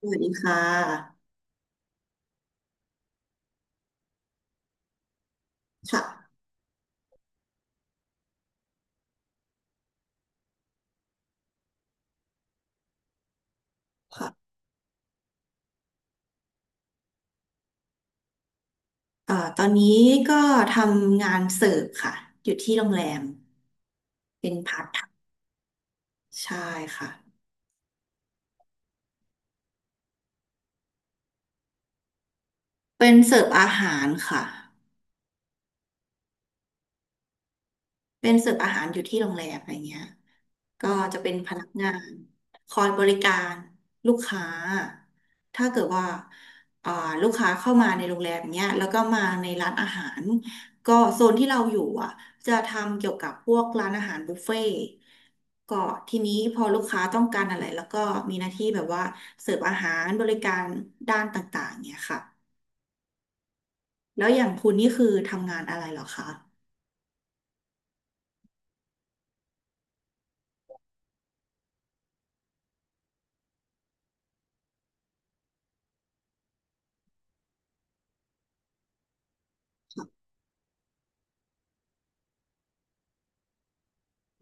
สวัสดีค่ะค่ะค่ะตอนนี้ก็ทำงานเสิร์ฟค่ะ อยู่ที่โรงแรม เป็นพัดใช่ค่ะ เป็นเสิร์ฟอาหารค่ะ เป็นเสิร์ฟอาหารอยู่ที่โรงแรมอะไรเงี้ยก็อจะเป็นพนักงานคอยบริการลูกค้า ถ้าเกิดว่าอ่าลูกค้าเข้ามาในโรงแรมเนี้ยแล้วก็มาในร้านอาหาร ก็โซนที่เราอยู่อ่ะจะทำเกี่ยวกับพวกร้านอาหารบุฟเฟ่ต์ก็ทีนี้พอลูกค้าต้องการอะไรแล้วก็มีหน้าที่แบบว่าเสิร์ฟอาหารบริการด้านต่างๆเนี้ยค่ะแล้วอย่างคุณนี่คือทำงานอะไรเหรอคะ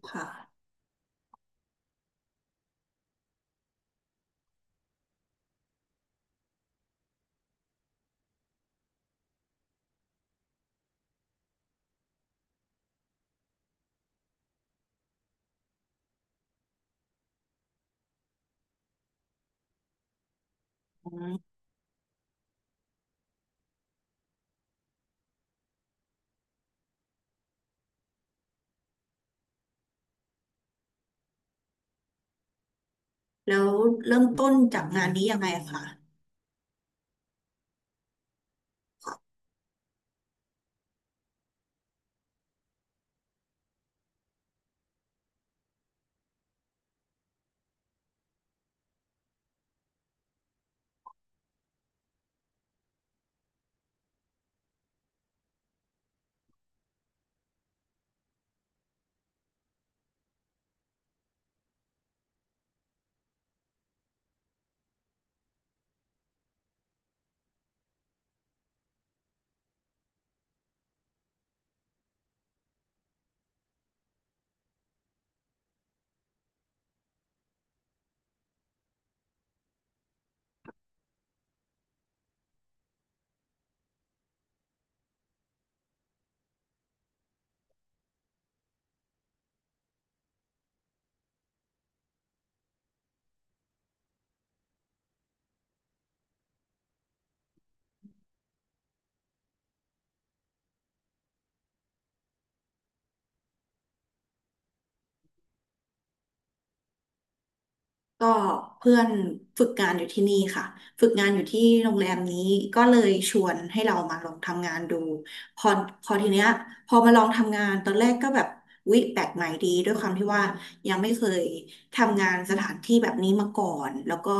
ค่ะอืม แล้วเริ่มต้นจากงานนี้ยังไงคะก็เพื่อนฝึกงานอยู่ที่นี่ค่ะฝึกงานอยู่ที่โรงแรมนี้ก็เลยชวนให้เรามาลองทำงานดูพอพอทีเนี้ยพอมาลองทำงานตอนแรกก็แบบวิแปลกใหม่ดีด้วยความที่ว่ายังไม่เคยทำงานสถานที่แบบนี้มาก่อนแล้วก็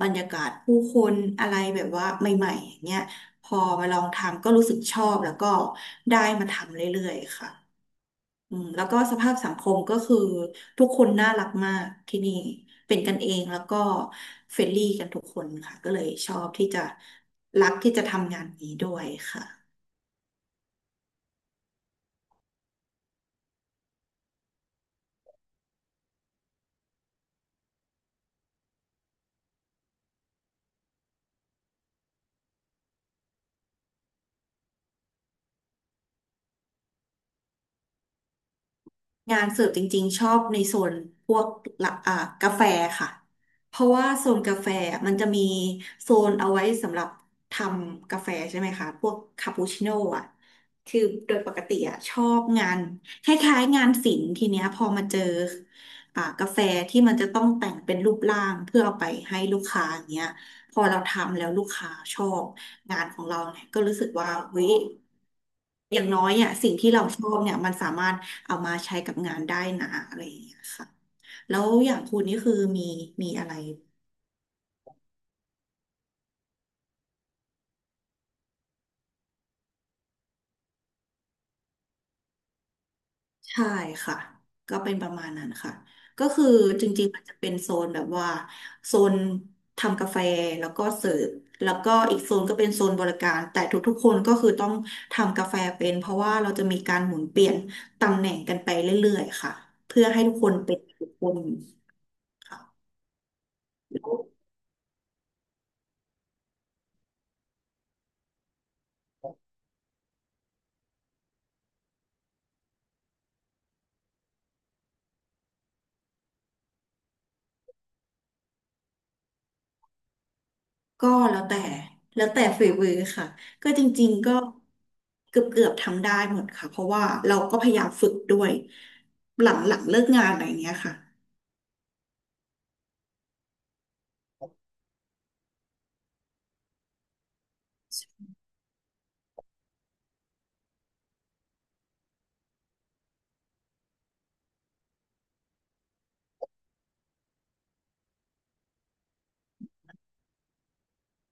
บรรยากาศผู้คนอะไรแบบว่าใหม่ๆอย่างเงี้ยพอมาลองทำก็รู้สึกชอบแล้วก็ได้มาทำเรื่อยๆค่ะ อืมแล้วก็สภาพสังคมก็คือทุกคนน่ารักมากที่นี่เป็นกันเองแล้วก็เฟรนลี่กันทุกคนค่ะก็เลยชอบที่จะรักที่จะทำงานนี้ด้วยค่ะ งานเสิร์ฟจริงๆชอบในโซนพวกละกาแฟค่ะ เพราะว่าโซนกาแฟมันจะมีโซนเอาไว้สำหรับทำกาแฟใช่ไหมคะพวกคาปูชิโน่อะคือโดยปกติอะชอบงานคล้ายๆงานศิลป์ทีเนี้ยพอมาเจอกาแฟที่มันจะต้องแต่งเป็นรูปร่างเพื่อเอาไปให้ลูกค้าอย่างเงี้ย พอเราทำแล้วลูกค้าชอบงานของเราเนี่ยก็รู้สึกว่าเฮ้ย อย่างน้อยอ่ะสิ่งที่เราชอบเนี่ยมันสามารถเอามาใช้กับงานได้นะอะไรอย่างเงี้ยค่ะแล้วอย่างคุณนี่คือมีอะไรใช่ค่ะก็เป็นประมาณนั้นค่ะก็คือจริงๆมันจะเป็นโซนแบบว่าโซนทำกาแฟแล้วก็เสิร์ฟแล้วก็อีกโซนก็เป็นโซนบริการแต่ทุกๆคนก็คือต้องทำกาแฟเป็นเพราะว่าเราจะมีการหมุนเปลี่ยนตำแหน่งกันไปเรื่อยๆค่ะเพื่อให้ทุกคนเป็นทุกคนค่ะ ก็แล้วแต่แล้วแต่ฝีมือค่ะก็จริงๆก็เกือบทำได้หมดค่ะเพราะว่าเราก็พยายามฝึกด้วยหลังเลิกงานอะไรอย่างเงี้ยค่ะ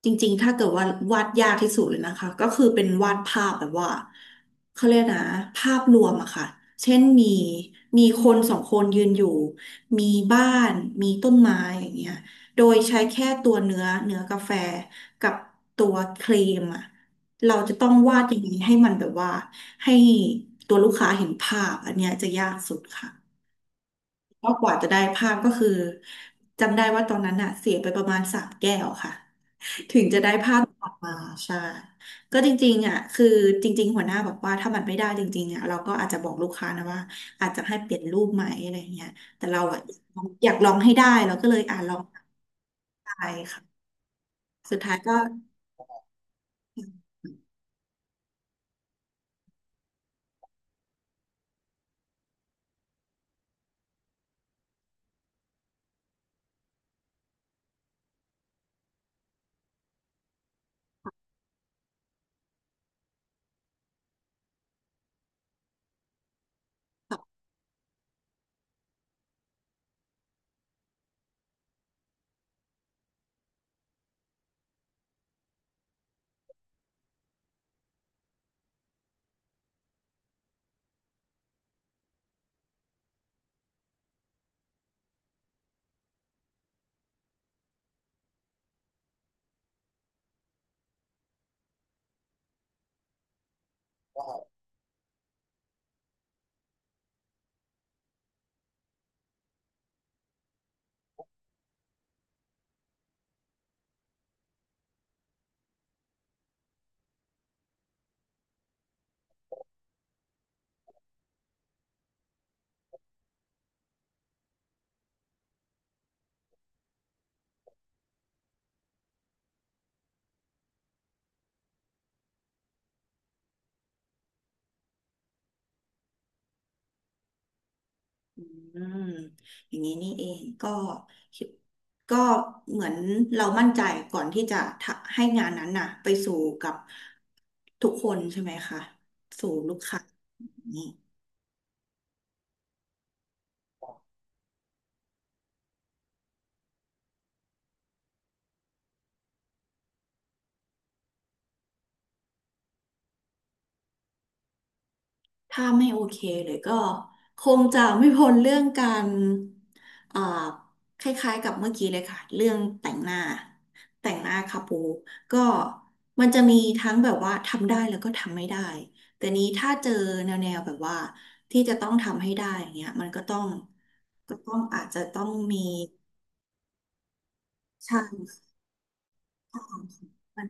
จริงๆถ้าเกิดว่าวาดยากที่สุดเลยนะคะก็คือเป็นวาดภาพแบบว่าเขาเรียกนะภาพรวมอะค่ะเช่นมีคนสองคนยืนอยู่มีบ้านมีต้นไม้อย่างเงี้ยโดยใช้แค่ตัวเนื้อกาแฟกับตัวครีมอะเราจะต้องวาดอย่างนี้ให้มันแบบว่าให้ตัวลูกค้าเห็นภาพอันเนี้ยจะยากสุดค่ะก็กว่าจะได้ภาพก็คือจำได้ว่าตอนนั้นอะเสียไปประมาณ3 แก้วค่ะ อ่าใช่ก็จริงๆอ่ะคือจริงๆหัวหน้าบอกว่าถ้ามันไม่ได้จริงๆอ่ะเราก็อาจจะบอกลูกค้านะว่าอาจจะให้เปลี่ยนรูปใหม่อะไรเงี้ยแต่เราอ่ะอยากลองให้ได้เราก็เลยลองไปค่ะสุดท้ายก็อืมอย่างนี้นี่เองก็คิดก็เหมือนเรามั่นใจก่อนที่จะทะให้งานนั้นน่ะไปสู่กับทุกคนใช่ไหมคะสู่ลูกค้า ถ้าไม่โอเคเลยก็คงจะไม่พ้นเรื่องการอ่าคล้ายๆกับเมื่อกี้เลยค่ะเรื่องแต่งหน้าแต่งหน้าคาปูก็มันจะมีทั้งแบบว่าทำได้แล้วก็ทำไม่ได้แต่นี้ถ้าเจอแนวแบบว่าที่จะต้องทำให้ได้อย่างเงี้ยมันก็ต้องก็ต้องอาจจะต้องมีช่างเข้ามา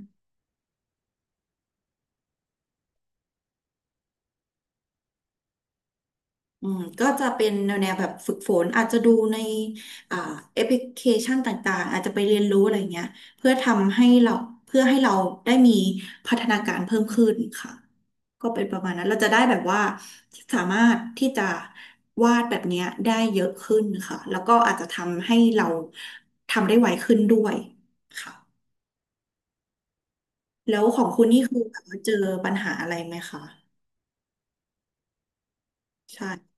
อืมก็จะเป็นแนวแบบฝึกฝนอาจจะดูในอ่าแอปพลิเคชันต่างๆอาจจะไปเรียนรู้อะไรเงี้ยเพื่อทำให้เราเพื่อให้เราได้มีพัฒนาการเพิ่มขึ้นค่ะก็เป็นประมาณนั้นเราจะได้แบบว่าสามารถที่จะวาดแบบเนี้ยได้เยอะขึ้นค่ะแล้วก็อาจจะทำให้เราทำได้ไวขึ้นด้วยค่ะแล้วของคุณนี่คือแบบว่าเจอปัญหาอะไรไหมคะใช่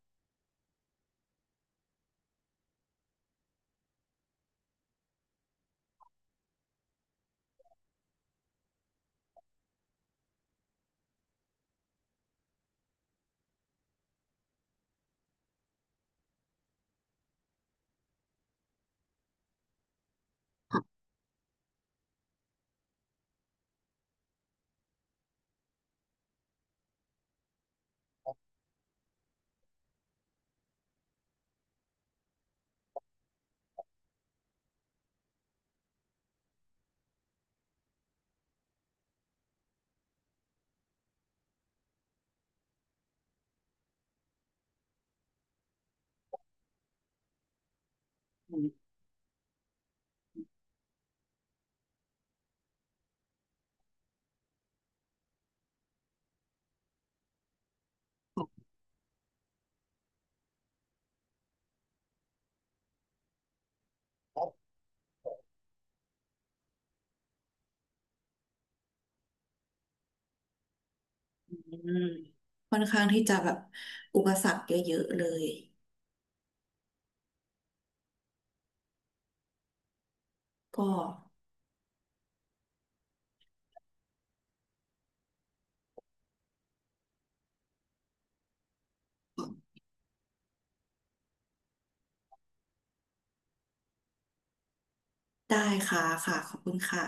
ค่อนข้างที่จะแบบอุปสรรคเยอะๆเลยก็ ได้ค่ะค่ะขอบคุณค่ะ